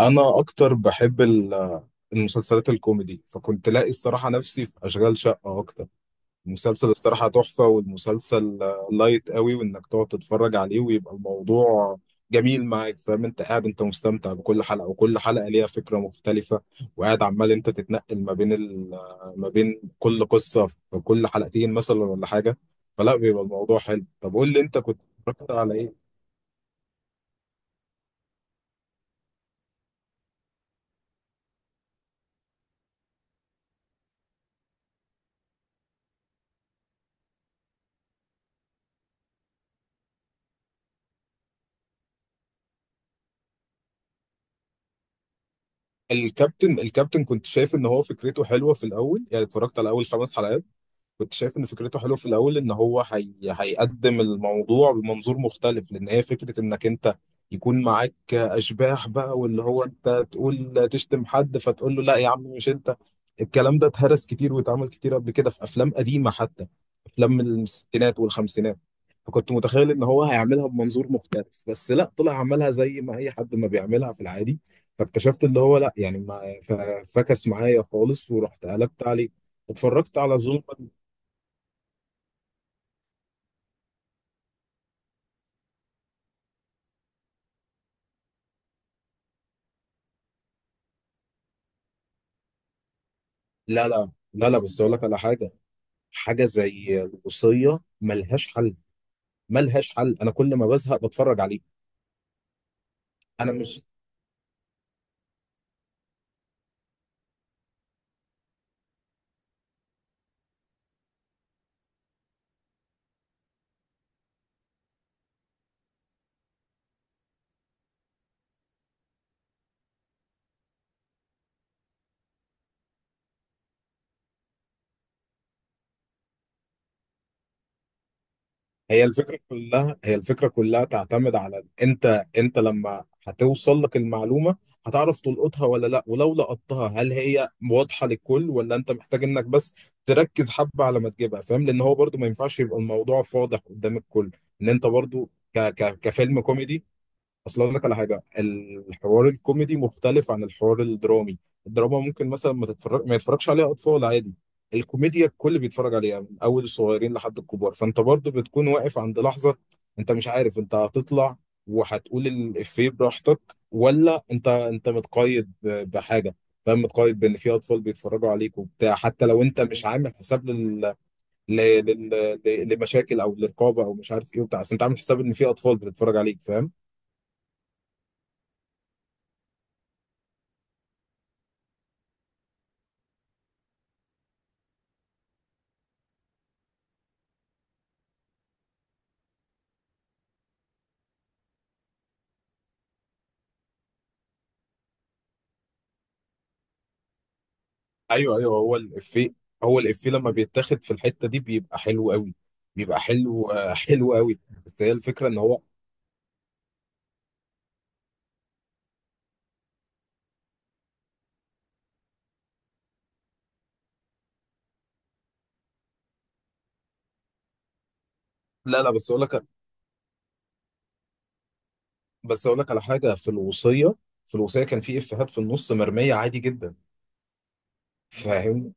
انا اكتر بحب المسلسلات الكوميدي، فكنت لاقي الصراحه نفسي في اشغال شقه اكتر. المسلسل الصراحه تحفه، والمسلسل لايت قوي، وانك تقعد تتفرج عليه ويبقى الموضوع جميل معاك. فاهم؟ انت قاعد، انت مستمتع بكل حلقه، وكل حلقه ليها فكره مختلفه، وقاعد عمال انت تتنقل ما بين ما بين كل قصه في كل حلقتين مثلا ولا حاجه، فلا بيبقى الموضوع حلو. طب قول لي، انت كنت اتفرجت على ايه؟ الكابتن؟ الكابتن كنت شايف ان هو فكرته حلوه في الاول، يعني اتفرجت على اول 5 حلقات. كنت شايف ان فكرته حلوه في الاول، ان هو هيقدم الموضوع بمنظور مختلف، لان هي فكره انك انت يكون معاك اشباح بقى، واللي هو انت تقول تشتم حد فتقول له لا يا عم مش انت. الكلام ده اتهرس كتير واتعمل كتير قبل كده في افلام قديمه، حتى افلام من الستينات والخمسينات. فكنت متخيل ان هو هيعملها بمنظور مختلف، بس لا، طلع عملها زي ما اي حد ما بيعملها في العادي. فاكتشفت اللي هو لا يعني ما ف- فكس معايا خالص، ورحت قلبت عليه، اتفرجت على ظلم. لا لا لا لا، بس اقول لك على حاجه. حاجه زي الوصيه ملهاش حل، ملهاش حل. انا كل ما بزهق بتفرج عليه. انا مش... هي الفكره كلها، هي الفكره كلها تعتمد على انت لما هتوصل لك المعلومه، هتعرف تلقطها ولا لا، ولو لقطتها هل هي واضحه للكل ولا انت محتاج انك بس تركز حبه على ما تجيبها. فاهم؟ لان هو برضو ما ينفعش يبقى الموضوع فاضح قدام الكل، ان انت برضو ك ك كفيلم كوميدي. اصل اقول لك على حاجه، الحوار الكوميدي مختلف عن الحوار الدرامي. الدراما ممكن مثلا ما يتفرجش عليها اطفال عادي. الكوميديا الكل بيتفرج عليها من اول الصغيرين لحد الكبار، فانت برضو بتكون واقف عند لحظه. انت مش عارف انت هتطلع وهتقول الافيه براحتك ولا انت متقيد بحاجه. فاهم؟ متقيد بان في اطفال بيتفرجوا عليك وبتاع، حتى لو انت مش عامل حساب لل... لل... لمشاكل او لرقابه او مش عارف ايه وبتاع، بس انت عامل حساب ان في اطفال بتتفرج عليك. فاهم؟ ايوه ايوه، هو الافيه. هو الافيه لما بيتاخد في الحته دي بيبقى حلو قوي، بيبقى حلو، حلو قوي. بس هي الفكره ان هو... لا لا، بس اقول لك، بس اقول لك على حاجه. في الوصيه، في الوصيه كان في افيهات في النص مرميه عادي جدا. فاهم؟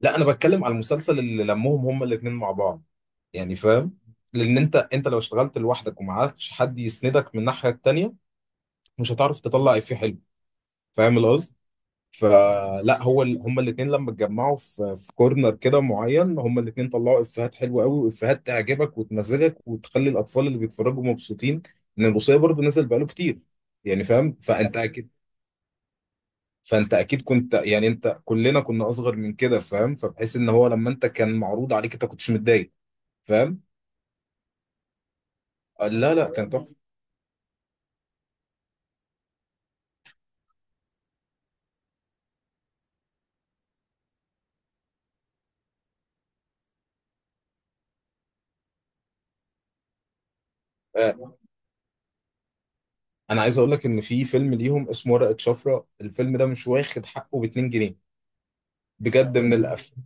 لا، انا بتكلم على المسلسل اللي لمهم هما الاثنين مع بعض، يعني. فاهم؟ لان انت لو اشتغلت لوحدك ومعكش حد يسندك من الناحيه التانيه، مش هتعرف تطلع افيه حلو. فاهم القصد؟ فلا، هو هما الاثنين لما اتجمعوا في كورنر كده معين، هما الاثنين طلعوا افيهات حلوه قوي، وافيهات تعجبك وتمزجك وتخلي الاطفال اللي بيتفرجوا مبسوطين. ان البوصيه برضو نزل بقاله كتير، يعني. فاهم؟ فانت اكيد، فانت اكيد كنت، يعني انت كلنا كنا اصغر من كده. فاهم؟ فبحيث ان هو لما انت كان معروض عليك انت كنتش متضايق. فاهم؟ آه، لا لا، كان تحفه. آه، انا عايز اقول لك ان في فيلم ليهم اسمه ورقه شفره. الفيلم ده مش واخد حقه ب 2 جنيه. بجد من الافلام،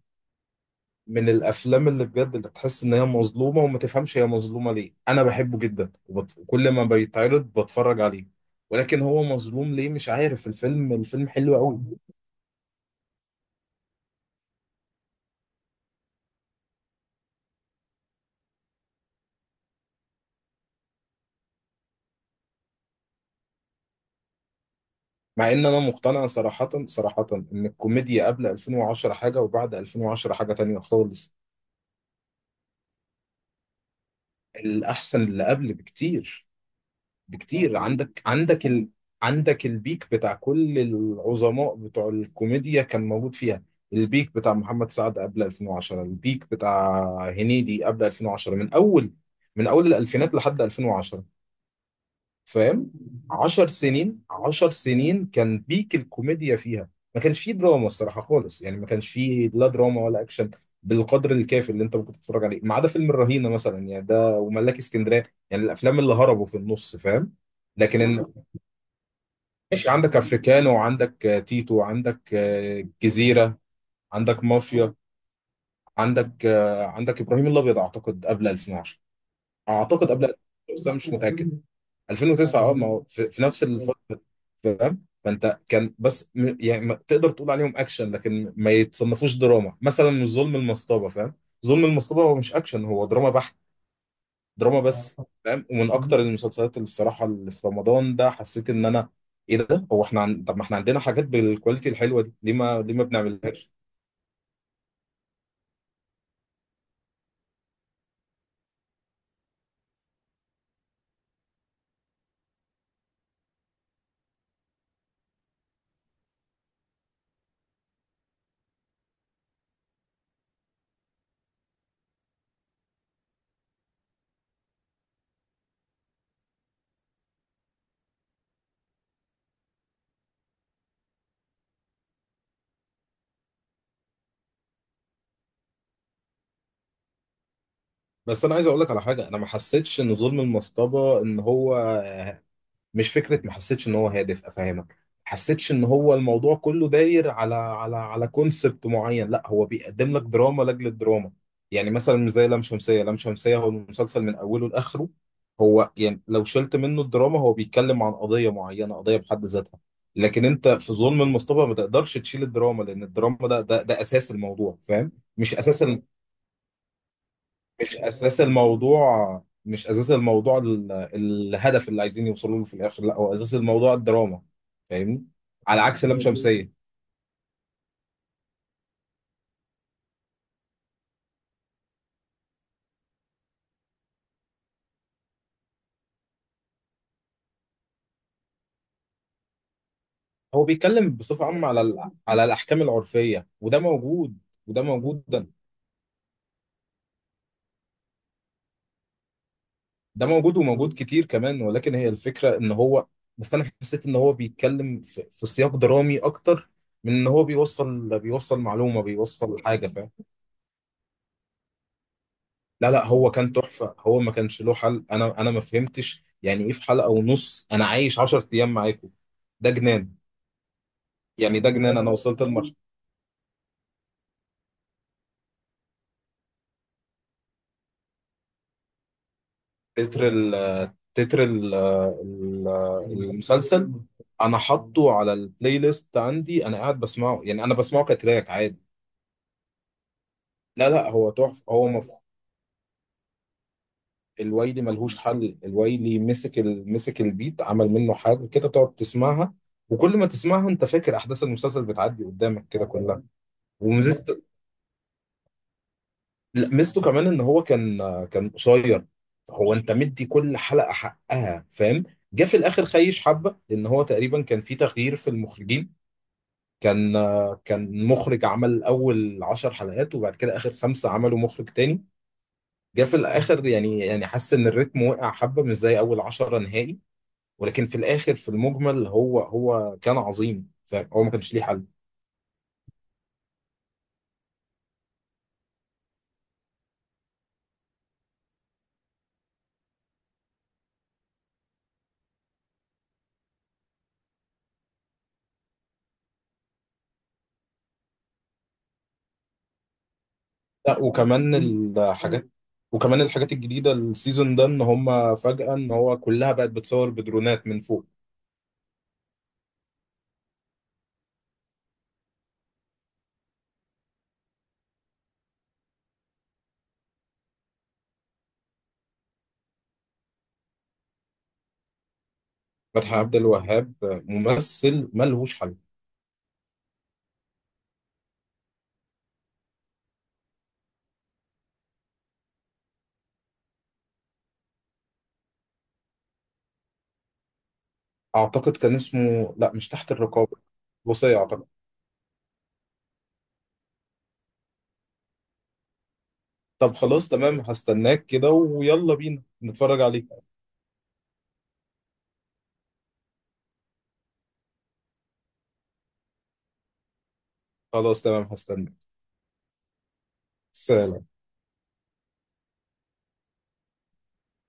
من الافلام اللي بجد اللي تحس ان هي مظلومه وما تفهمش هي مظلومه ليه. انا بحبه جدا كل ما بيتعرض بتفرج عليه. ولكن هو مظلوم ليه مش عارف. الفيلم، الفيلم حلو قوي. مع ان انا مقتنع صراحه، صراحه ان الكوميديا قبل 2010 حاجه، وبعد 2010 حاجه تانية خالص. الاحسن اللي قبل بكتير، بكتير. عندك عندك البيك بتاع كل العظماء بتوع الكوميديا كان موجود فيها. البيك بتاع محمد سعد قبل 2010، البيك بتاع هنيدي قبل 2010، من اول، من اول الالفينات لحد 2010. فاهم؟ 10 سنين، 10 سنين كان بيك الكوميديا فيها. ما كانش فيه دراما الصراحة خالص، يعني ما كانش فيه لا دراما ولا أكشن بالقدر الكافي اللي انت ممكن تتفرج عليه، ما عدا فيلم الرهينة مثلا، يعني ده وملاك اسكندرية، يعني الأفلام اللي هربوا في النص. فاهم؟ لكن إن- ماشي. عندك افريكانو، وعندك تيتو، وعندك جزيرة، عندك مافيا، عندك آه، عندك إبراهيم الأبيض أعتقد قبل 2010. أعتقد قبل 2010، بس أنا مش متأكد. 2009 اه، ما هو في، نفس الفترة. فاهم؟ فانت كان بس يعني ما تقدر تقول عليهم اكشن، لكن ما يتصنفوش دراما مثلا مش ظلم المصطبة. فاهم؟ ظلم المصطبة هو مش اكشن، هو دراما بحت، دراما بس. فاهم؟ ومن اكتر المسلسلات اللي الصراحة اللي في رمضان ده حسيت ان انا... ايه ده؟ هو احنا طب ما احنا عندنا حاجات بالكواليتي الحلوة دي، ليه ما، ليه ما بنعملهاش؟ بس انا عايز اقول لك على حاجة. انا ما حسيتش ان ظلم المصطبة ان هو مش فكره، ما حسيتش ان هو هادف افهمك، ما حسيتش ان هو الموضوع كله داير على كونسبت معين. لا، هو بيقدم لك دراما لاجل الدراما، يعني مثلا مش زي لام شمسيه. لام شمسيه هو المسلسل من اوله لاخره، هو يعني لو شلت منه الدراما هو بيتكلم عن قضيه معينه، قضيه بحد ذاتها. لكن انت في ظلم المصطبه ما تقدرش تشيل الدراما، لان الدراما ده اساس الموضوع. فاهم؟ مش اساس، مش اساس الموضوع مش اساس الموضوع، الهدف اللي عايزين يوصلوا له في الاخر، لا هو اساس الموضوع الدراما. فاهمني؟ على عكس لام شمسية. هو بيتكلم بصفة عامة على الاحكام العرفية، وده موجود. ده، ده موجود، وموجود كتير كمان. ولكن هي الفكرة ان هو... بس انا حسيت ان هو بيتكلم في، سياق درامي اكتر من ان هو بيوصل، بيوصل معلومة، بيوصل حاجة. فاهم؟ لا لا، هو كان تحفة، هو ما كانش له حل. انا ما فهمتش يعني ايه في حلقة ونص انا عايش 10 ايام معاكم. ده جنان. يعني ده جنان، انا وصلت لمرحلة... تتر ال تتر المسلسل. انا حاطه على البلاي ليست عندي، انا قاعد بسمعه، يعني انا بسمعه كتراك عادي. لا لا، هو تحفة، هو الويلي ملهوش حل. الويلي مسك مسك البيت، عمل منه حاجة كده تقعد تسمعها، وكل ما تسمعها انت فاكر احداث المسلسل بتعدي قدامك كده كلها. وميزه... لا، ميزته كمان ان هو كان، كان قصير، فهو انت مدي كل حلقه حقها. فاهم؟ جه في الاخر خيش حبه، لان هو تقريبا كان في تغيير في المخرجين. كان، كان مخرج عمل اول 10 حلقات، وبعد كده اخر 5 عملوا مخرج تاني. جه في الاخر يعني، يعني حس ان الريتم وقع حبه مش زي اول 10 نهائي. ولكن في الاخر في المجمل هو، هو كان عظيم. فاهم؟ هو ما كانش ليه حل. لا، وكمان الحاجات، وكمان الحاجات الجديدة السيزون ده ان هم فجأة ان هو كلها بقت بتصور بدرونات من فوق. فتحي عبد الوهاب ممثل ملهوش حل. اعتقد كان اسمه لا مش تحت الرقابة، الوصية اعتقد. طب خلاص، تمام، هستناك كده ويلا بينا نتفرج عليه. خلاص تمام، هستناك. سلام.